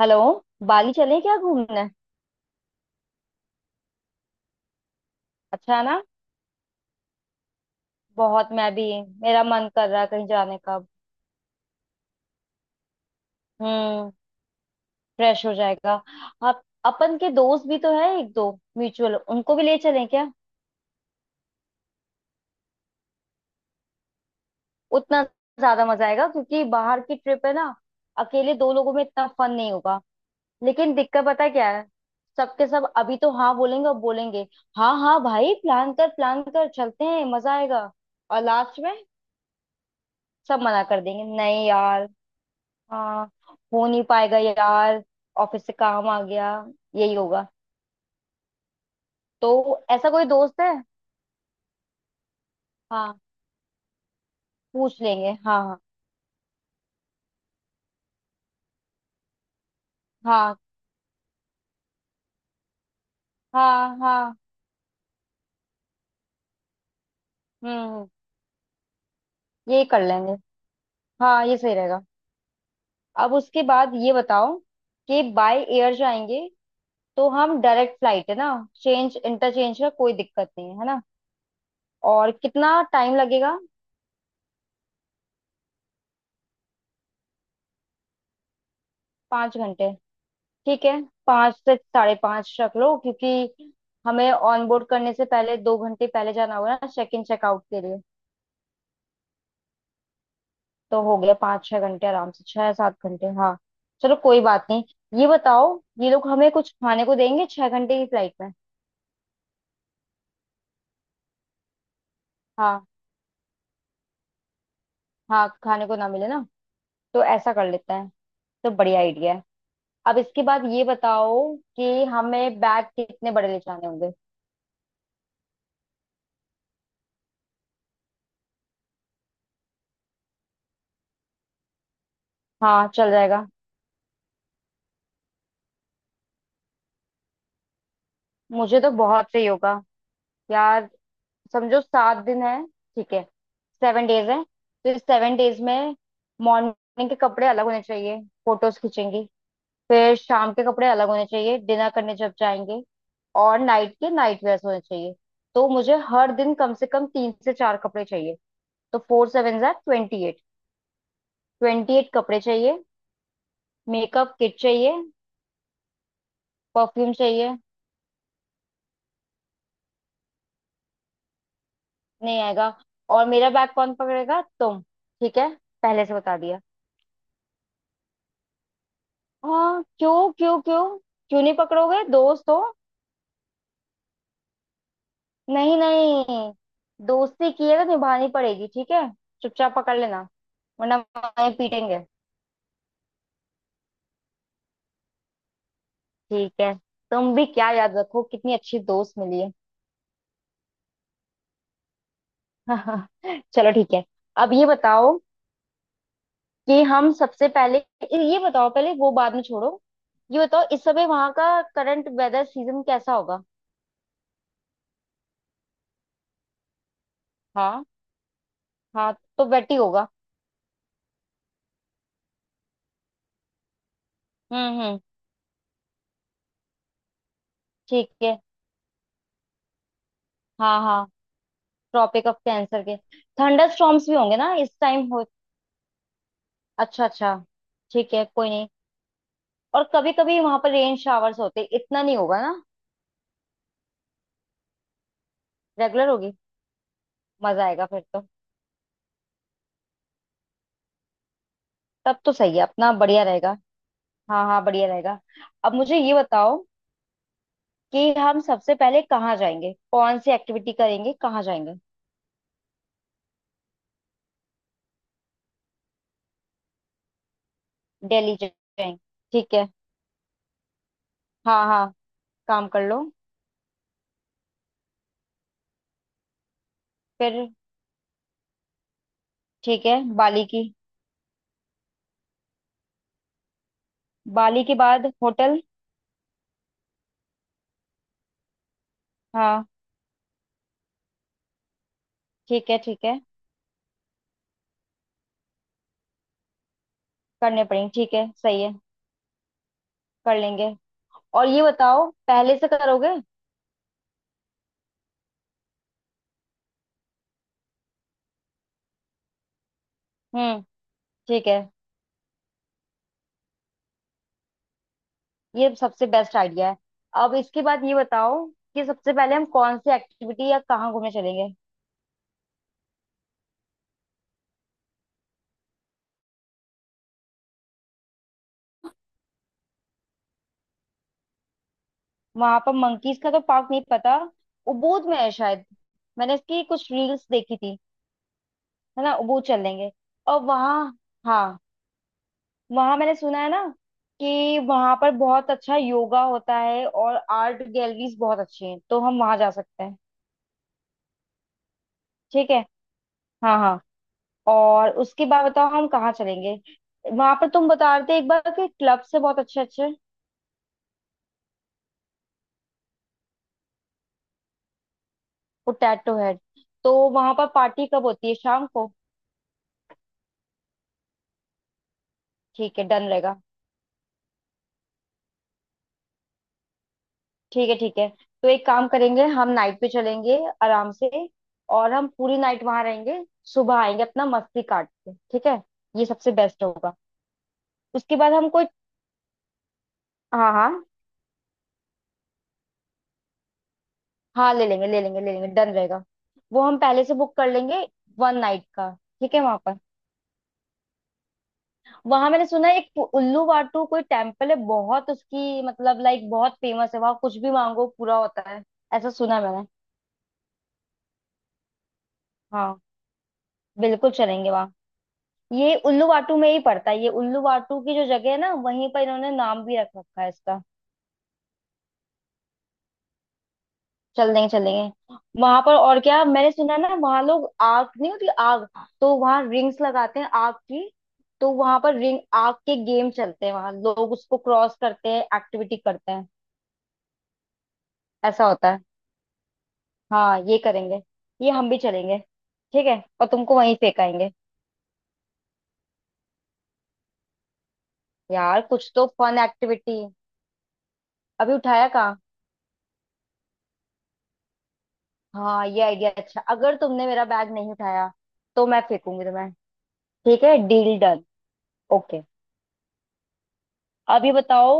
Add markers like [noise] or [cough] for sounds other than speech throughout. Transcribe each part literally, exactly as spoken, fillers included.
Hello. Bali चले क्या घूमने। अच्छा है ना। बहुत, मैं भी। मेरा मन कर रहा है कहीं जाने का। हम्म। फ्रेश हो जाएगा। आप अपन के दोस्त भी तो है एक दो म्यूचुअल, उनको भी ले चलें क्या। उतना ज्यादा मजा आएगा क्योंकि बाहर की ट्रिप है ना। अकेले दो लोगों में इतना फन नहीं होगा। लेकिन दिक्कत पता है क्या है। सबके सब अभी तो हाँ बोलेंगे और बोलेंगे, हाँ हाँ भाई प्लान कर प्लान कर चलते हैं मजा आएगा। और लास्ट में सब मना कर देंगे, नहीं यार। हाँ, हो नहीं पाएगा यार। ऑफिस से काम आ गया। यही होगा। तो ऐसा कोई दोस्त है। हाँ पूछ लेंगे। हाँ हाँ हाँ हाँ हाँ। हम्म। ये कर लेंगे। हाँ, ये सही रहेगा। अब उसके बाद ये बताओ कि बाय एयर जाएंगे तो हम, डायरेक्ट फ्लाइट है ना। चेंज इंटरचेंज का कोई दिक्कत नहीं है, है ना। और कितना टाइम लगेगा। पाँच घंटे। ठीक है। पाँच से साढ़े पाँच रख लो, क्योंकि हमें ऑन बोर्ड करने से पहले दो घंटे पहले जाना होगा ना, चेक इन चेकआउट के लिए। तो हो गया पाँच छह घंटे, आराम से छह सात घंटे। हाँ चलो, कोई बात नहीं। ये बताओ, ये लोग हमें कुछ खाने को देंगे छह घंटे की फ्लाइट में। हाँ। हाँ खाने को ना मिले ना। तो ऐसा कर लेते हैं। तो बढ़िया आइडिया है। अब इसके बाद ये बताओ कि हमें बैग कितने बड़े ले जाने होंगे। हाँ चल जाएगा। मुझे तो बहुत सही होगा यार। समझो सात दिन है, ठीक है। सेवन डेज है तो इस सेवन डेज में मॉर्निंग के कपड़े अलग होने चाहिए, फोटोज खींचेंगी। फिर शाम के कपड़े अलग होने चाहिए, डिनर करने जब जाएंगे। और नाइट के नाइट वेयर्स होने चाहिए। तो मुझे हर दिन कम से कम तीन से चार कपड़े चाहिए। तो फोर सेवन जार ट्वेंटी एट, ट्वेंटी एट कपड़े चाहिए। मेकअप किट चाहिए। परफ्यूम चाहिए। नहीं आएगा। और मेरा बैग कौन पकड़ेगा, तुम। ठीक है, पहले से बता दिया। हाँ क्यों क्यों क्यों। क्यों नहीं पकड़ोगे, दोस्त हो। नहीं नहीं, दोस्ती की है तो निभानी पड़ेगी, ठीक है। चुपचाप पकड़ लेना, वरना वहीं पीटेंगे। ठीक है। तुम भी क्या याद रखो कितनी अच्छी दोस्त मिली है। [laughs] चलो ठीक है। अब ये बताओ कि हम सबसे पहले, ये बताओ पहले, वो बाद में छोड़ो। ये बताओ, इस समय वहां का करंट वेदर सीजन कैसा होगा। हाँ। हाँ, तो wet ही होगा। हम्म हम्म। ठीक है। हाँ हाँ, ट्रॉपिक ऑफ कैंसर के थंडर स्टॉर्म्स भी होंगे ना इस टाइम हो। अच्छा अच्छा, ठीक है। कोई नहीं। और कभी कभी वहां पर रेन शावर्स होते हैं। इतना नहीं होगा ना। रेगुलर होगी। मजा आएगा फिर तो। तब तो सही है, अपना बढ़िया रहेगा। हाँ हाँ बढ़िया रहेगा। अब मुझे ये बताओ कि हम सबसे पहले कहाँ जाएंगे, कौन सी एक्टिविटी करेंगे, कहाँ जाएंगे। दिल्ली जा- जाएंगे। ठीक है। हाँ हाँ, काम कर लो। फिर। ठीक है, बाली की। बाली के बाद होटल। हाँ। ठीक है ठीक है। करने पड़ेंगे, ठीक है, सही है। कर लेंगे। और ये बताओ, पहले से करोगे। हम्म। ठीक है। ये सबसे बेस्ट आइडिया है। अब इसके बाद ये बताओ कि सबसे पहले हम कौन सी एक्टिविटी या कहाँ घूमने चलेंगे। वहां पर मंकीज का तो पार्क नहीं पता, उबूद में है शायद। मैंने इसकी कुछ रील्स देखी थी। है ना, उबूद चलेंगे। और वहाँ। हाँ, वहाँ मैंने सुना है ना कि वहां पर बहुत अच्छा योगा होता है, और आर्ट गैलरीज बहुत अच्छी हैं, तो हम वहां जा सकते हैं। ठीक है। हाँ हाँ। और उसके बाद बताओ हम कहाँ चलेंगे। वहां पर तुम बता रहे थे एक बार कि क्लब से बहुत अच्छे अच्छे। वो टैटू हेड। तो वहां पर पार्टी कब होती है, शाम को। ठीक है, डन रहेगा। ठीक है ठीक है। तो एक काम करेंगे, हम नाइट पे चलेंगे आराम से। और हम पूरी नाइट वहां रहेंगे। सुबह आएंगे अपना मस्ती काट के, ठीक है। ये सबसे बेस्ट होगा। उसके बाद हम कोई। हाँ हाँ, हाँ ले लेंगे ले लेंगे ले लेंगे, डन रहेगा। वो हम पहले से बुक कर लेंगे। वन नाइट का। ठीक है, वहां पर। वहां मैंने सुना है एक उल्लू वाटू कोई टेम्पल है, बहुत उसकी मतलब लाइक बहुत फेमस है। वहां कुछ भी मांगो पूरा होता है, ऐसा सुना है मैंने। हाँ, बिल्कुल चलेंगे वहाँ। ये उल्लू वाटू में ही पड़ता है, ये उल्लू वाटू की जो जगह है ना, वहीं पर इन्होंने नाम भी रख रखा है इसका। चल देंगे चल देंगे। वहां पर और क्या मैंने सुना है ना, वहां लोग आग, नहीं होती आग। तो वहां रिंग्स लगाते हैं आग की। तो वहां पर रिंग आग के गेम चलते हैं, वहां लोग उसको क्रॉस करते हैं, एक्टिविटी करते हैं। ऐसा होता है। हाँ ये करेंगे। ये हम भी चलेंगे, ठीक है। और तुमको वहीं फेंकाएंगे। यार कुछ तो फन एक्टिविटी। अभी उठाया कहाँ। हाँ ये आइडिया अच्छा, अगर तुमने मेरा बैग नहीं उठाया तो मैं फेंकूंगी तुम्हें। ठीक है, डील डन। ओके। अब ये बताओ।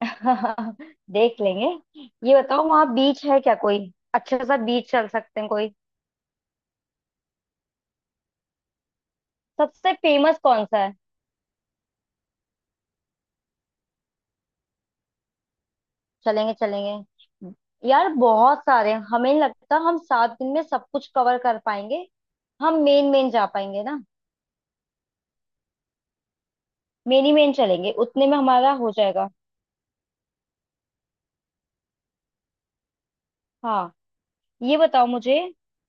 [laughs] देख लेंगे। ये बताओ वहाँ बीच है क्या कोई, अच्छा सा बीच चल सकते हैं कोई। सबसे फेमस कौन सा है। चलेंगे चलेंगे। यार बहुत सारे हैं। हमें नहीं लगता हम सात दिन में सब कुछ कवर कर पाएंगे। हम मेन मेन जा पाएंगे ना। मेन ही मेन चलेंगे, उतने में हमारा हो जाएगा। हाँ, ये बताओ मुझे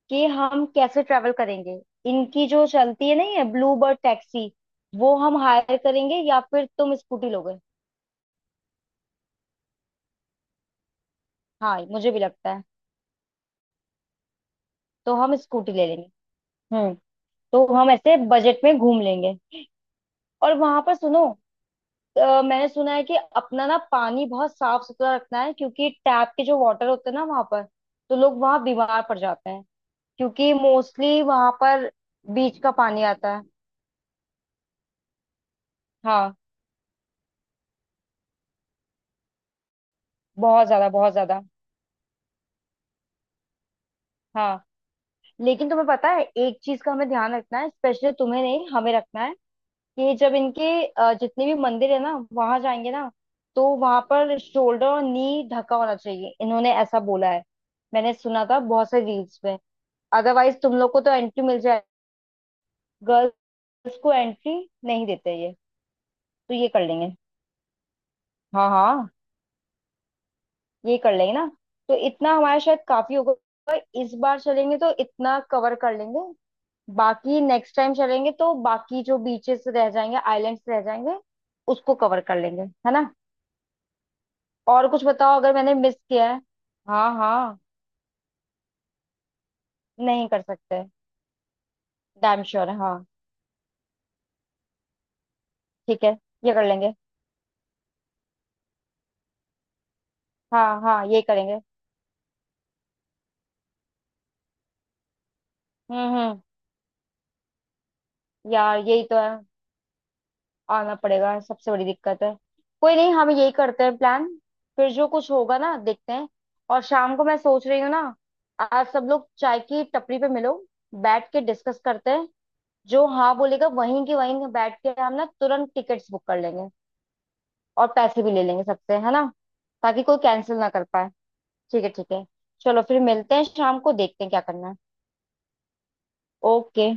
कि हम कैसे ट्रेवल करेंगे। इनकी जो चलती है नहीं है, ब्लू बर्ड टैक्सी, वो हम हायर करेंगे या फिर तुम स्कूटी लोगे। हाँ मुझे भी लगता है। तो हम स्कूटी ले लेंगे। हम्म। तो हम ऐसे बजट में घूम लेंगे। और वहां पर सुनो, अ, मैंने सुना है कि अपना ना पानी बहुत साफ सुथरा रखना है, क्योंकि टैप के जो वाटर होते हैं ना वहां पर, तो लोग वहां बीमार पड़ जाते हैं। क्योंकि मोस्टली वहां पर बीच का पानी आता है। हाँ, बहुत ज्यादा बहुत ज्यादा। हाँ, लेकिन तुम्हें पता है एक चीज का हमें ध्यान रखना है, स्पेशली तुम्हें नहीं, हमें रखना है कि जब इनके अ, जितने भी मंदिर है ना वहां जाएंगे ना, तो वहां पर शोल्डर और नी ढका होना चाहिए, इन्होंने ऐसा बोला है। मैंने सुना था बहुत से रील्स में। अदरवाइज तुम लोग को तो एंट्री मिल जाए, गर्ल्स को एंट्री नहीं देते ये। तो ये कर लेंगे। हाँ हाँ, ये कर लेंगे ना। तो इतना हमारा शायद काफी होगा। इस बार चलेंगे तो इतना कवर कर लेंगे। बाकी नेक्स्ट टाइम चलेंगे तो बाकी जो बीचेस रह जाएंगे, आइलैंड्स रह जाएंगे, उसको कवर कर लेंगे, है ना। और कुछ बताओ अगर मैंने मिस किया है। हाँ हाँ, नहीं कर सकते। डैम श्योर है हाँ। ठीक है, ये कर लेंगे। हाँ हाँ ये करेंगे। हम्म हम्म। यार यही तो है। आना पड़ेगा, सबसे बड़ी दिक्कत है। कोई नहीं, हम यही करते हैं प्लान, फिर जो कुछ होगा ना देखते हैं। और शाम को मैं सोच रही हूँ ना, आज सब लोग चाय की टपरी पे मिलो, बैठ के डिस्कस करते हैं। जो हाँ बोलेगा वहीं के वहीं बैठ के हम ना तुरंत टिकट्स बुक कर लेंगे। और पैसे भी ले लेंगे सबसे, है ना, ताकि कोई कैंसिल ना कर पाए। ठीक है ठीक है। चलो फिर मिलते हैं शाम को, देखते हैं क्या करना है। ओके।